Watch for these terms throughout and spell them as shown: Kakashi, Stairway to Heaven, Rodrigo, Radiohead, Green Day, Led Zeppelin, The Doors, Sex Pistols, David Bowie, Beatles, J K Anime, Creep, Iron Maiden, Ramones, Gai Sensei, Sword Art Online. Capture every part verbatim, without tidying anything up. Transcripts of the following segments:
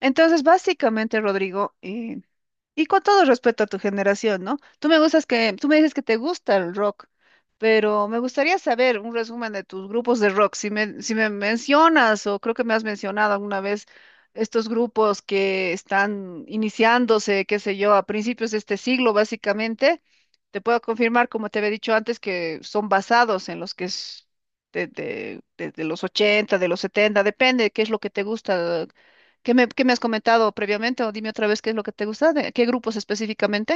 Entonces, básicamente, Rodrigo, eh, y con todo respeto a tu generación, ¿no? Tú me gustas que, tú me dices que te gusta el rock, pero me gustaría saber un resumen de tus grupos de rock. Si me, si me mencionas, o creo que me has mencionado alguna vez, estos grupos que están iniciándose, qué sé yo, a principios de este siglo, básicamente, te puedo confirmar, como te había dicho antes, que son basados en los que es de, de, de- de los ochenta, de los setenta, depende de qué es lo que te gusta. ¿Qué me, ¿qué me has comentado previamente? O dime otra vez qué es lo que te gusta, de- qué grupos específicamente.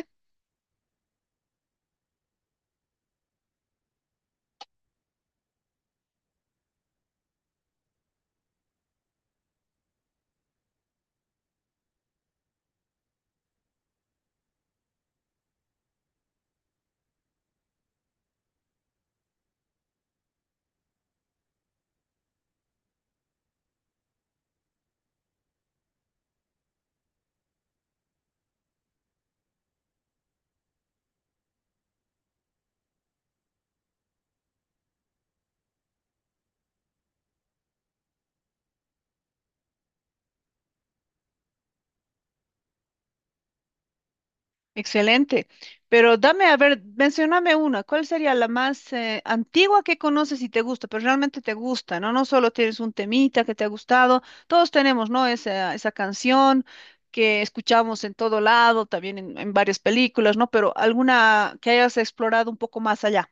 Excelente. Pero dame, a ver, mencioname una. ¿Cuál sería la más eh, antigua que conoces y te gusta? Pero realmente te gusta, ¿no? No solo tienes un temita que te ha gustado. Todos tenemos, ¿no? Esa, esa canción que escuchamos en todo lado, también en, en varias películas, ¿no? Pero alguna que hayas explorado un poco más allá.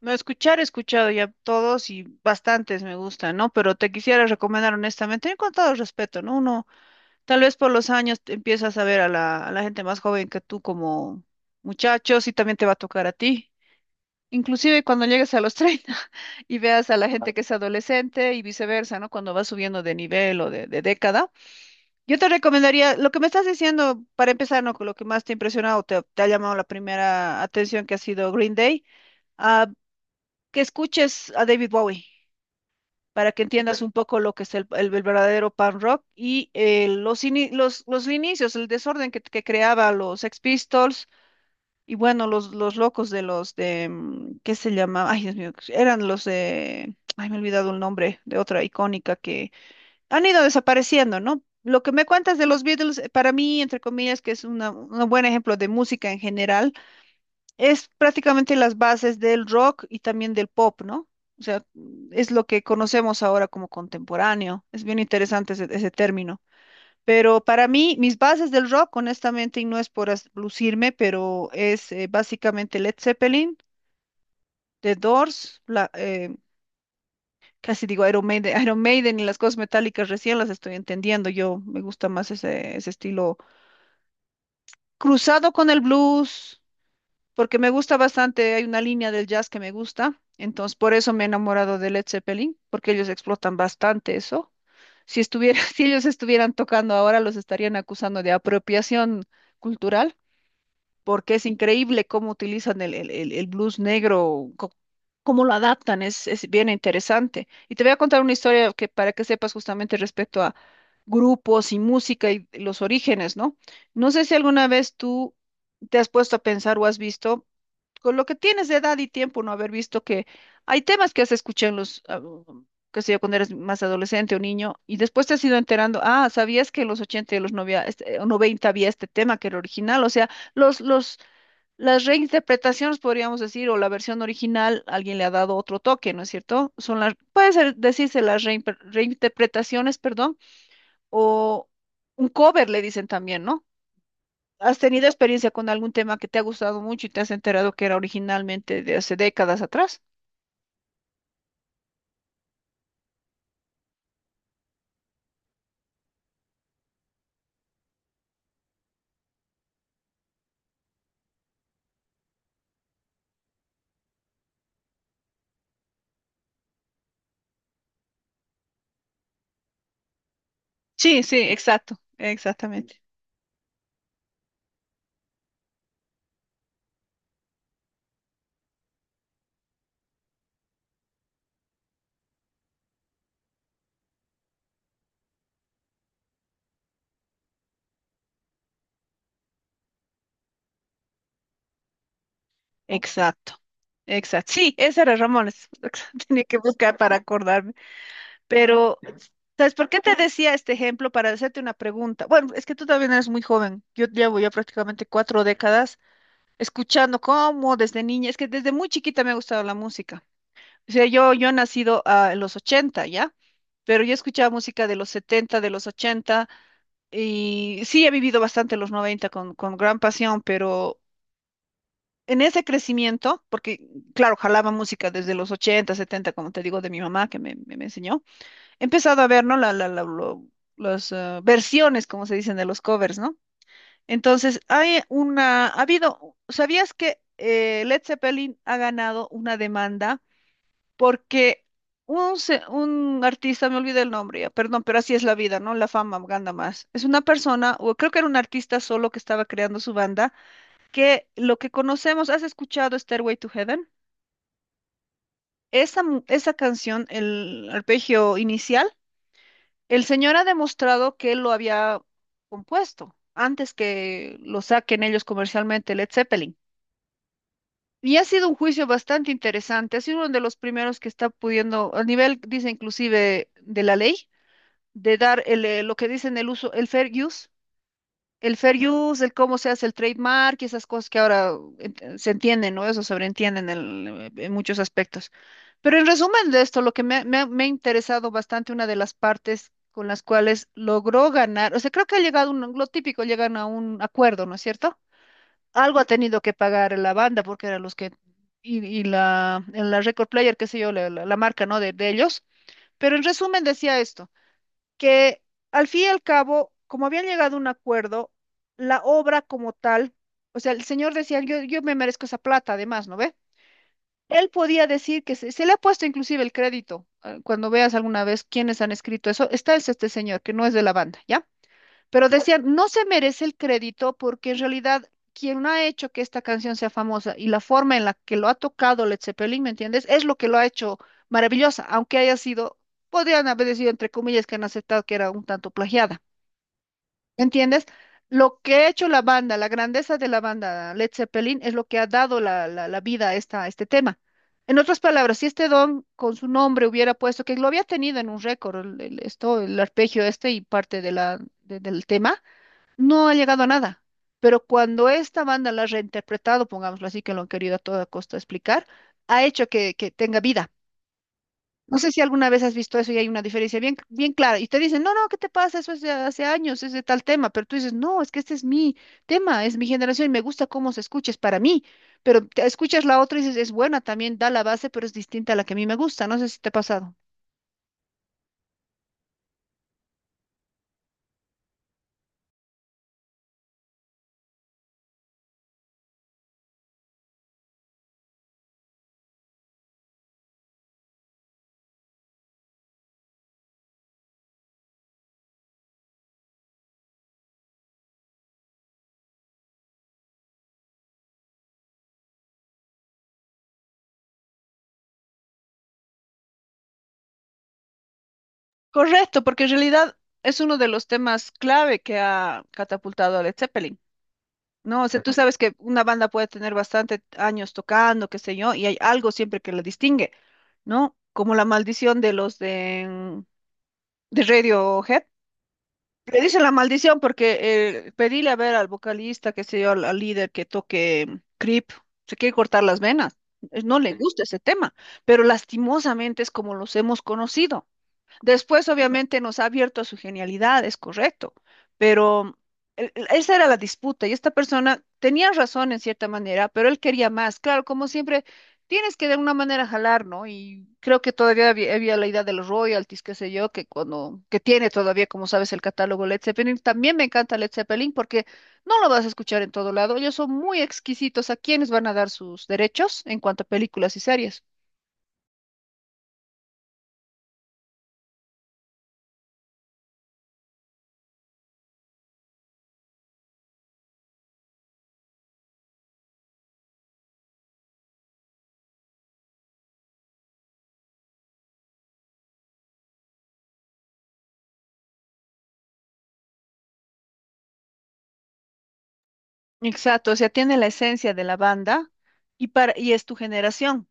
No, escuchar, he escuchado ya todos y bastantes me gustan, ¿no? Pero te quisiera recomendar honestamente, con todo respeto, ¿no? Uno, tal vez por los años te empiezas a ver a la, a la gente más joven que tú como muchachos y también te va a tocar a ti. Inclusive cuando llegues a los treinta y veas a la gente que es adolescente y viceversa, ¿no? Cuando vas subiendo de nivel o de, de década. Yo te recomendaría, lo que me estás diciendo, para empezar, ¿no? Con lo que más te ha impresionado, te, te ha llamado la primera atención que ha sido Green Day. Ah, que escuches a David Bowie para que entiendas un poco lo que es el, el- el verdadero punk rock y eh, los, ini- los, los inicios, el desorden que, que creaba los Sex Pistols y bueno, los, los locos de los de, mm, ¿qué se llama? Ay, Dios mío, eran los de, ay, me he olvidado el nombre de otra icónica que han ido desapareciendo, ¿no? Lo que me cuentas de los Beatles, eh, para mí, entre comillas, que es una- un buen ejemplo de música en general, es prácticamente las bases del rock y también del pop, ¿no? O sea, es lo que conocemos ahora como contemporáneo. Es bien interesante ese, ese término. Pero para mí, mis bases del rock, honestamente, y no es por as- lucirme, pero es eh, básicamente Led Zeppelin, The Doors, la, eh, casi digo Iron Maiden, Iron Maiden y las cosas metálicas recién las estoy entendiendo. Yo me gusta más ese, ese estilo cruzado con el blues porque me gusta bastante, hay una línea del jazz que me gusta, entonces por eso me he enamorado de Led Zeppelin, porque ellos explotan bastante eso. Si estuviera, si ellos estuvieran tocando ahora, los estarían acusando de apropiación cultural, porque es increíble cómo utilizan el, el- el- el blues negro, co- cómo lo adaptan, es, es bien interesante. Y te voy a contar una historia que para que sepas justamente respecto a grupos y música y los orígenes, ¿no? No sé si alguna vez tú te has puesto a pensar o has visto con lo que tienes de edad y tiempo, no haber visto que hay temas que has escuchado en los, ah, qué sé yo, cuando eres más adolescente o niño, y después te has ido enterando, ah, sabías que en los ochenta y en los noventa, este, o noventa había este tema que era original, o sea, los, los, las reinterpretaciones, podríamos decir, o la versión original, alguien le ha dado otro toque, ¿no es cierto? Son las, puede ser, decirse las reimper- reinterpretaciones, perdón, o un cover, le dicen también, ¿no? ¿Has tenido experiencia con algún tema que te ha gustado mucho y te has enterado que era originalmente de hace décadas atrás? Sí, sí, exacto, exactamente. Exacto, exacto. Sí, ese era Ramones. Tenía que buscar para acordarme. Pero, ¿sabes por qué te decía este ejemplo? Para hacerte una pregunta. Bueno, es que tú también eres muy joven. Yo llevo ya prácticamente cuatro décadas escuchando cómo desde niña, es que desde muy chiquita me ha gustado la música. O sea, yo, yo he nacido ah, en los ochenta, ¿ya? Pero yo escuchaba música de los setenta, de los ochenta, y sí he vivido bastante los noventa con, con gran pasión, pero en ese crecimiento, porque claro, jalaba música desde los ochenta, setenta, como te digo, de mi mamá que me, me, me enseñó, he empezado a ver, ¿no? La, la, la- lo- las ah, versiones, como se dicen, de los covers, ¿no? Entonces, hay una, ha habido, ¿sabías que eh, Led Zeppelin ha ganado una demanda? Porque un, se- un artista, me olvidé el nombre ya, perdón, pero así es la vida, ¿no? La fama gana más. Es una persona, o creo que era un artista solo que estaba creando su banda, que lo que conocemos, ¿has escuchado Stairway to Heaven? Esa, mu- esa canción, el arpegio inicial, el señor ha demostrado que él lo había compuesto antes que lo saquen ellos comercialmente, Led Zeppelin. Y ha sido un juicio bastante interesante, ha sido uno de los primeros que está pudiendo, a nivel, dice inclusive, de la ley, de dar el, eh, lo que dicen el uso, el fair use, el fair use, el cómo se hace el trademark y esas cosas que ahora uh, ent- se entienden, ¿no? Eso sobreentienden en, el- eh, en muchos aspectos. Pero en resumen de esto, lo que me, ha- me ha me ha interesado bastante, una de las partes con las cuales logró ganar, o sea, creo que ha llegado un, lo típico, llegan a un acuerdo, ¿no es cierto? Algo ha tenido que pagar la banda porque eran los que, y, y la, la record player, qué sé yo, la, la- la marca, ¿no? De, de ellos. Pero en resumen decía esto que al fin y al cabo, como habían llegado a un acuerdo, la obra como tal, o sea, el señor decía, yo, yo me merezco esa plata, además, ¿no ve? Él podía decir que se, se le ha puesto inclusive el crédito. eh, Cuando veas alguna vez quiénes han escrito eso, está es este señor, que no es de la banda, ¿ya? Pero decían, no se merece el crédito porque en realidad quien ha hecho que esta canción sea famosa y la forma en la que lo ha tocado Led Zeppelin, ¿me entiendes? Es lo que lo ha hecho maravillosa, aunque haya sido, podrían haber decidido entre comillas que han aceptado que era un tanto plagiada, ¿me entiendes? Lo que ha hecho la banda, la grandeza de la banda Led Zeppelin es lo que ha dado la, la- la vida a, esta, a este tema. En otras palabras, si este don con su nombre hubiera puesto, que lo había tenido en un récord, el- el- esto, el arpegio este y parte de la, de- del tema, no ha llegado a nada. Pero cuando esta banda la ha reinterpretado, pongámoslo así, que lo han querido a toda costa explicar, ha hecho que, que tenga vida. No sé si alguna vez has visto eso y hay una diferencia bien, bien clara. Y te dicen, no, no, ¿qué te pasa? Eso es de hace años, es de tal tema. Pero tú dices, no, es que este es mi tema, es mi generación y me gusta cómo se escucha, es para mí. Pero te escuchas la otra y dices, es buena también, da la base, pero es distinta a la que a mí me gusta. No sé si te ha pasado. Correcto, porque en realidad es uno de los temas clave que ha catapultado a Led Zeppelin. No, o sea, tú sabes que una banda puede tener bastante años tocando, qué sé yo, y hay algo siempre que la distingue, ¿no? Como la maldición de los de, mm, de Radiohead. Le dicen la maldición porque eh, pedirle a ver al vocalista, qué sé yo, al, al líder que toque mm, Creep, se quiere cortar las venas. Eh, No le Sí. gusta ese tema, pero lastimosamente es como los hemos conocido. Después, obviamente, nos ha abierto a su genialidad, es correcto, pero el- el- esa era la disputa y esta persona tenía razón en cierta manera, pero él quería más. Claro, como siempre, tienes que de alguna manera jalar, ¿no? Y creo que todavía había, había la idea de los royalties, qué sé yo, que cuando, que tiene todavía, como sabes, el catálogo Led Zeppelin. También me encanta Led Zeppelin porque no lo vas a escuchar en todo lado. Ellos son muy exquisitos a quienes van a dar sus derechos en cuanto a películas y series. Exacto, o sea, tiene la esencia de la banda y para y es tu generación,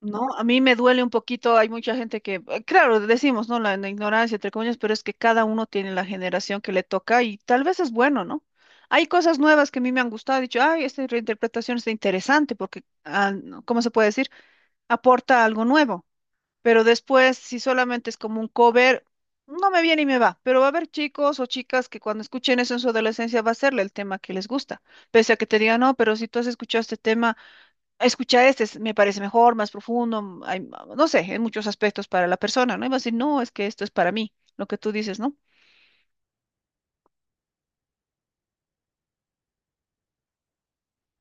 ¿no? A mí me duele un poquito, hay mucha gente que, eh, claro, decimos, ¿no? La, la ignorancia, entre comillas, pero es que cada uno tiene la generación que le toca y tal vez es bueno, ¿no? Hay cosas nuevas que a mí me han gustado, he dicho, ay, esta reinterpretación está interesante porque, ah, no, ¿cómo se puede decir? Aporta algo nuevo. Pero después, si solamente es como un cover, no me viene y me va. Pero va a haber chicos o chicas que cuando escuchen eso en su adolescencia va a serle el tema que les gusta. Pese a que te digan, no, pero si tú has escuchado este tema, escucha este, es- me parece mejor, más profundo, mm, hay- no sé, en muchos aspectos para la persona, ¿no? Y va a decir, no, es que esto es para mí, lo que tú dices, ¿no?